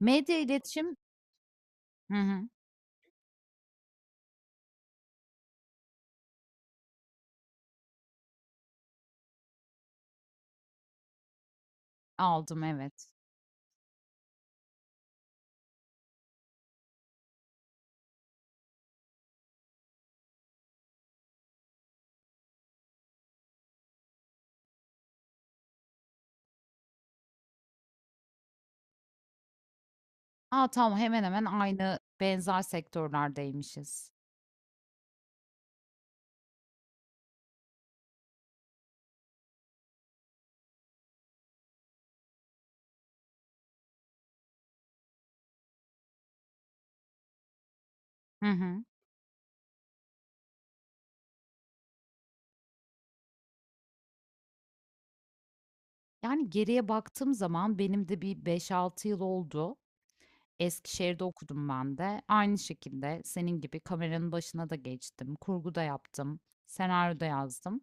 Medya, iletişim. Hı hı. Aldım, evet. A, tamam, hemen hemen aynı, benzer sektörlerdeymişiz. Hı hı. Yani geriye baktığım zaman benim de bir beş altı yıl oldu. Eskişehir'de okudum ben de. Aynı şekilde senin gibi kameranın başına da geçtim. Kurgu da yaptım. Senaryo da yazdım.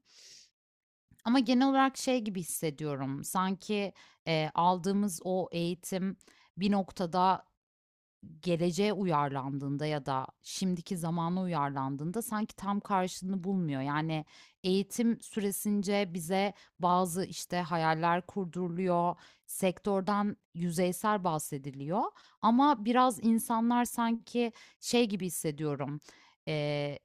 Ama genel olarak şey gibi hissediyorum. Sanki, aldığımız o eğitim bir noktada geleceğe uyarlandığında ya da şimdiki zamana uyarlandığında sanki tam karşılığını bulmuyor. Yani eğitim süresince bize bazı işte hayaller kurduruluyor, sektörden yüzeysel bahsediliyor ama biraz insanlar sanki şey gibi hissediyorum. eee,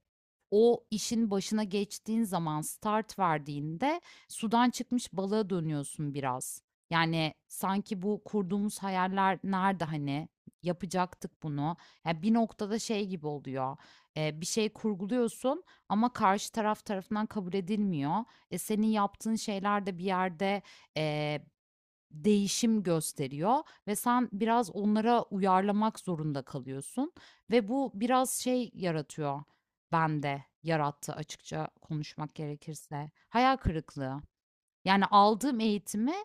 O işin başına geçtiğin zaman start verdiğinde sudan çıkmış balığa dönüyorsun biraz. Yani sanki bu kurduğumuz hayaller nerede hani? Yapacaktık bunu. Ya, bir noktada şey gibi oluyor, bir şey kurguluyorsun ama karşı taraf tarafından kabul edilmiyor. E, senin yaptığın şeyler de bir yerde, eee, değişim gösteriyor ve sen biraz onlara uyarlamak zorunda kalıyorsun ve bu biraz şey yaratıyor bende, yarattı açıkça konuşmak gerekirse, hayal kırıklığı. Yani aldığım eğitimi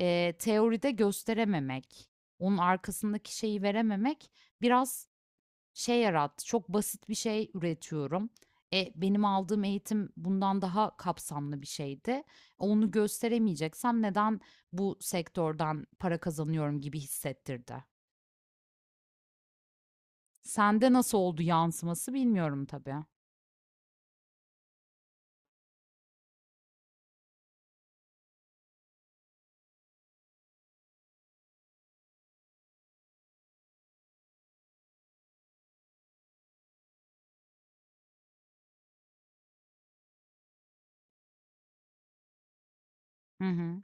Teoride gösterememek, onun arkasındaki şeyi verememek biraz şey yarattı. Çok basit bir şey üretiyorum. E, benim aldığım eğitim bundan daha kapsamlı bir şeydi. Onu gösteremeyeceksem neden bu sektörden para kazanıyorum gibi hissettirdi. Sende nasıl oldu yansıması bilmiyorum tabii. Hı hı.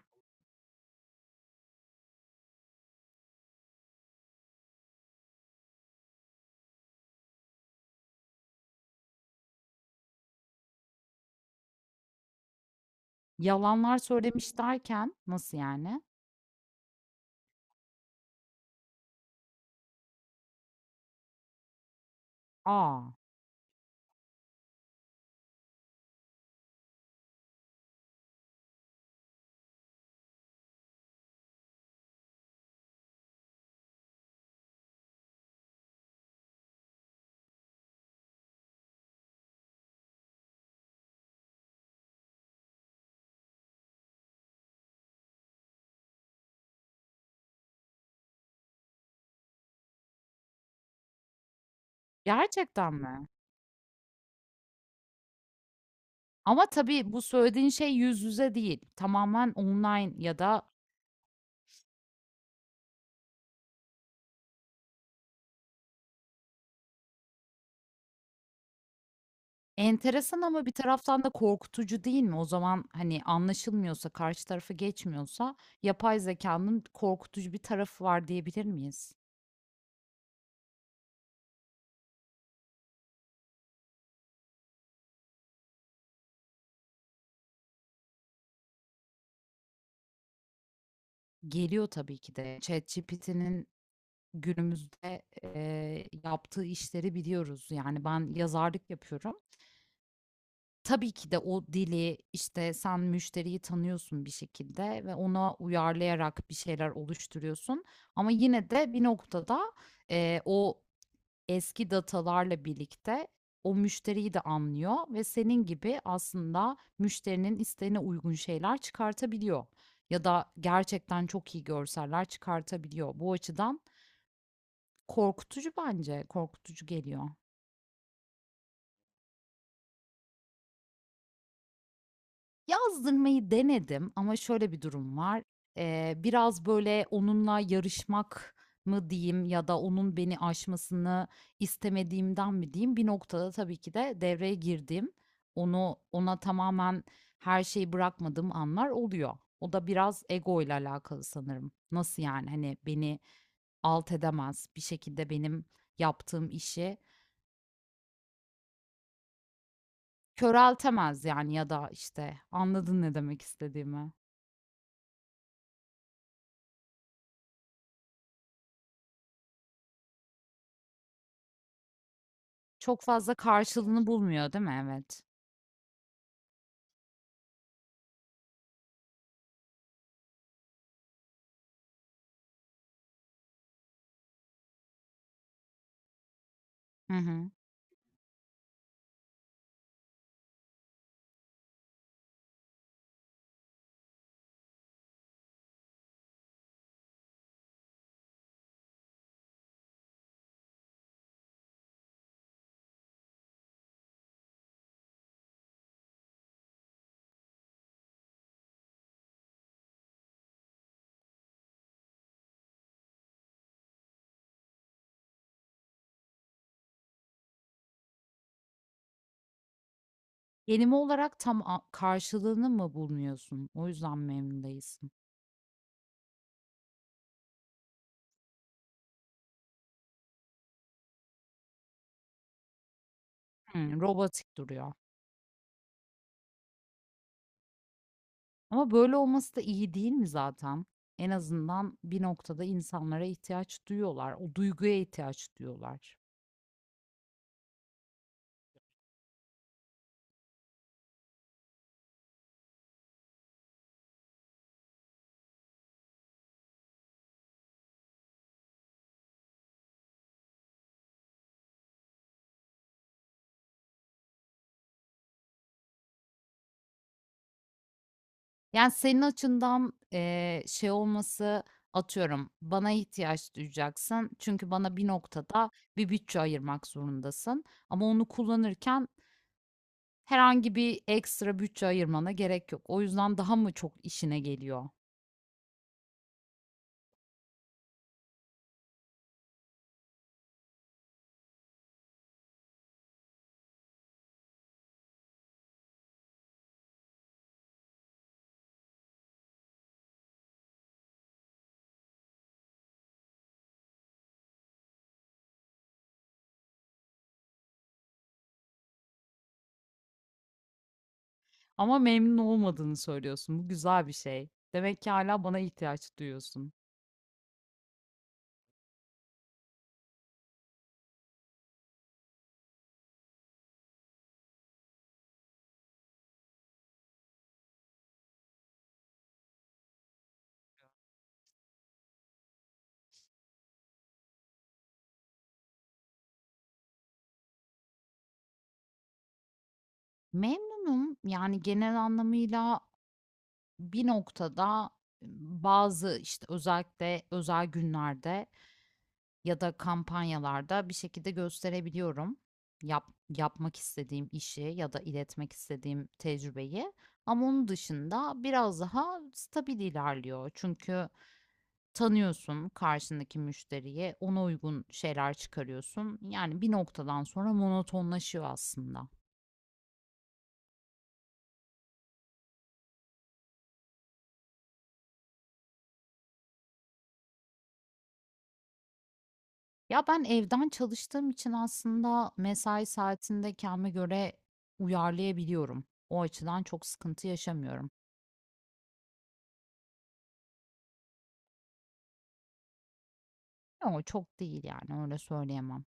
Yalanlar söylemiş derken nasıl yani? Aa, gerçekten mi? Ama tabii bu söylediğin şey yüz yüze değil. Tamamen online ya da enteresan ama bir taraftan da korkutucu değil mi? O zaman hani anlaşılmıyorsa, karşı tarafı geçmiyorsa yapay zekanın korkutucu bir tarafı var diyebilir miyiz? Geliyor tabii ki de. ChatGPT'nin günümüzde, yaptığı işleri biliyoruz. Yani ben yazarlık yapıyorum. Tabii ki de o dili, işte, sen müşteriyi tanıyorsun bir şekilde ve ona uyarlayarak bir şeyler oluşturuyorsun ama yine de bir noktada, o eski datalarla birlikte o müşteriyi de anlıyor ve senin gibi aslında müşterinin isteğine uygun şeyler çıkartabiliyor ya da gerçekten çok iyi görseller çıkartabiliyor. Bu açıdan korkutucu bence, korkutucu geliyor. Yazdırmayı denedim ama şöyle bir durum var. Biraz, böyle, onunla yarışmak mı diyeyim ya da onun beni aşmasını istemediğimden mi diyeyim, bir noktada tabii ki de devreye girdiğim, onu ona tamamen her şeyi bırakmadığım anlar oluyor. O da biraz ego ile alakalı sanırım. Nasıl yani? Hani, beni alt edemez, bir şekilde benim yaptığım işi köreltemez yani ya da, işte, anladın ne demek istediğimi. Çok fazla karşılığını bulmuyor, değil mi? Evet. Hı hı. Kelime olarak tam a karşılığını mı bulmuyorsun? O yüzden mi memnun değilsin? Hımm, robotik duruyor. Ama böyle olması da iyi değil mi zaten? En azından bir noktada insanlara ihtiyaç duyuyorlar. O duyguya ihtiyaç duyuyorlar. Yani, senin açından, şey olması, atıyorum, bana ihtiyaç duyacaksın çünkü bana bir noktada bir bütçe ayırmak zorundasın ama onu kullanırken herhangi bir ekstra bütçe ayırmana gerek yok. O yüzden daha mı çok işine geliyor? Ama memnun olmadığını söylüyorsun. Bu güzel bir şey. Demek ki hala bana ihtiyaç duyuyorsun. Memnunum. Yani genel anlamıyla bir noktada bazı, işte, özellikle özel günlerde ya da kampanyalarda bir şekilde gösterebiliyorum yapmak istediğim işi ya da iletmek istediğim tecrübeyi ama onun dışında biraz daha stabil ilerliyor. Çünkü tanıyorsun karşındaki müşteriye, ona uygun şeyler çıkarıyorsun. Yani bir noktadan sonra monotonlaşıyor aslında. Ya ben evden çalıştığım için aslında mesai saatinde kendime göre uyarlayabiliyorum. O açıdan çok sıkıntı yaşamıyorum. Ama çok değil yani öyle söyleyemem.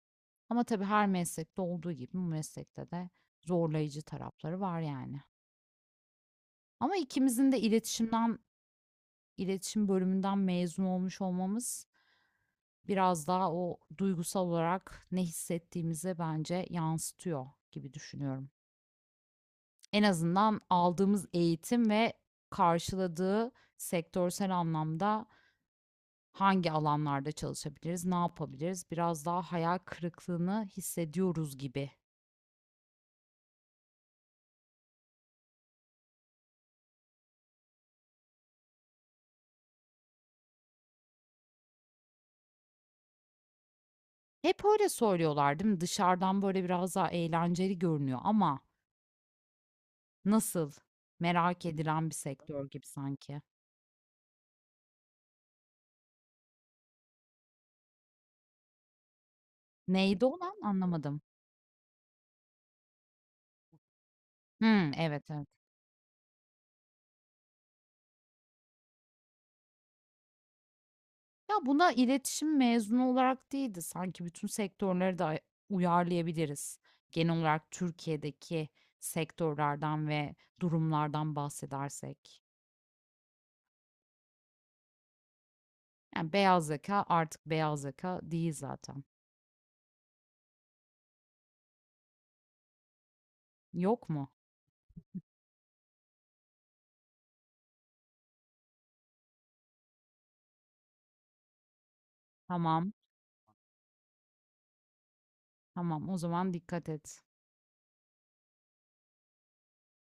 Ama tabii her meslekte olduğu gibi bu meslekte de zorlayıcı tarafları var yani. Ama ikimizin de iletişimden, iletişim bölümünden mezun olmuş olmamız biraz daha o duygusal olarak ne hissettiğimize bence yansıtıyor gibi düşünüyorum. En azından aldığımız eğitim ve karşıladığı sektörsel anlamda hangi alanlarda çalışabiliriz, ne yapabiliriz? Biraz daha hayal kırıklığını hissediyoruz gibi. Hep öyle söylüyorlar değil mi? Dışarıdan böyle biraz daha eğlenceli görünüyor ama nasıl? Merak edilen bir sektör gibi sanki. Neydi olan anlamadım. Hmm, evet, evet. Ya buna iletişim mezunu olarak değil de sanki bütün sektörleri de uyarlayabiliriz. Genel olarak Türkiye'deki sektörlerden ve durumlardan bahsedersek. Yani beyaz yaka artık beyaz yaka değil zaten. Yok mu? Tamam, tamam. O zaman dikkat et.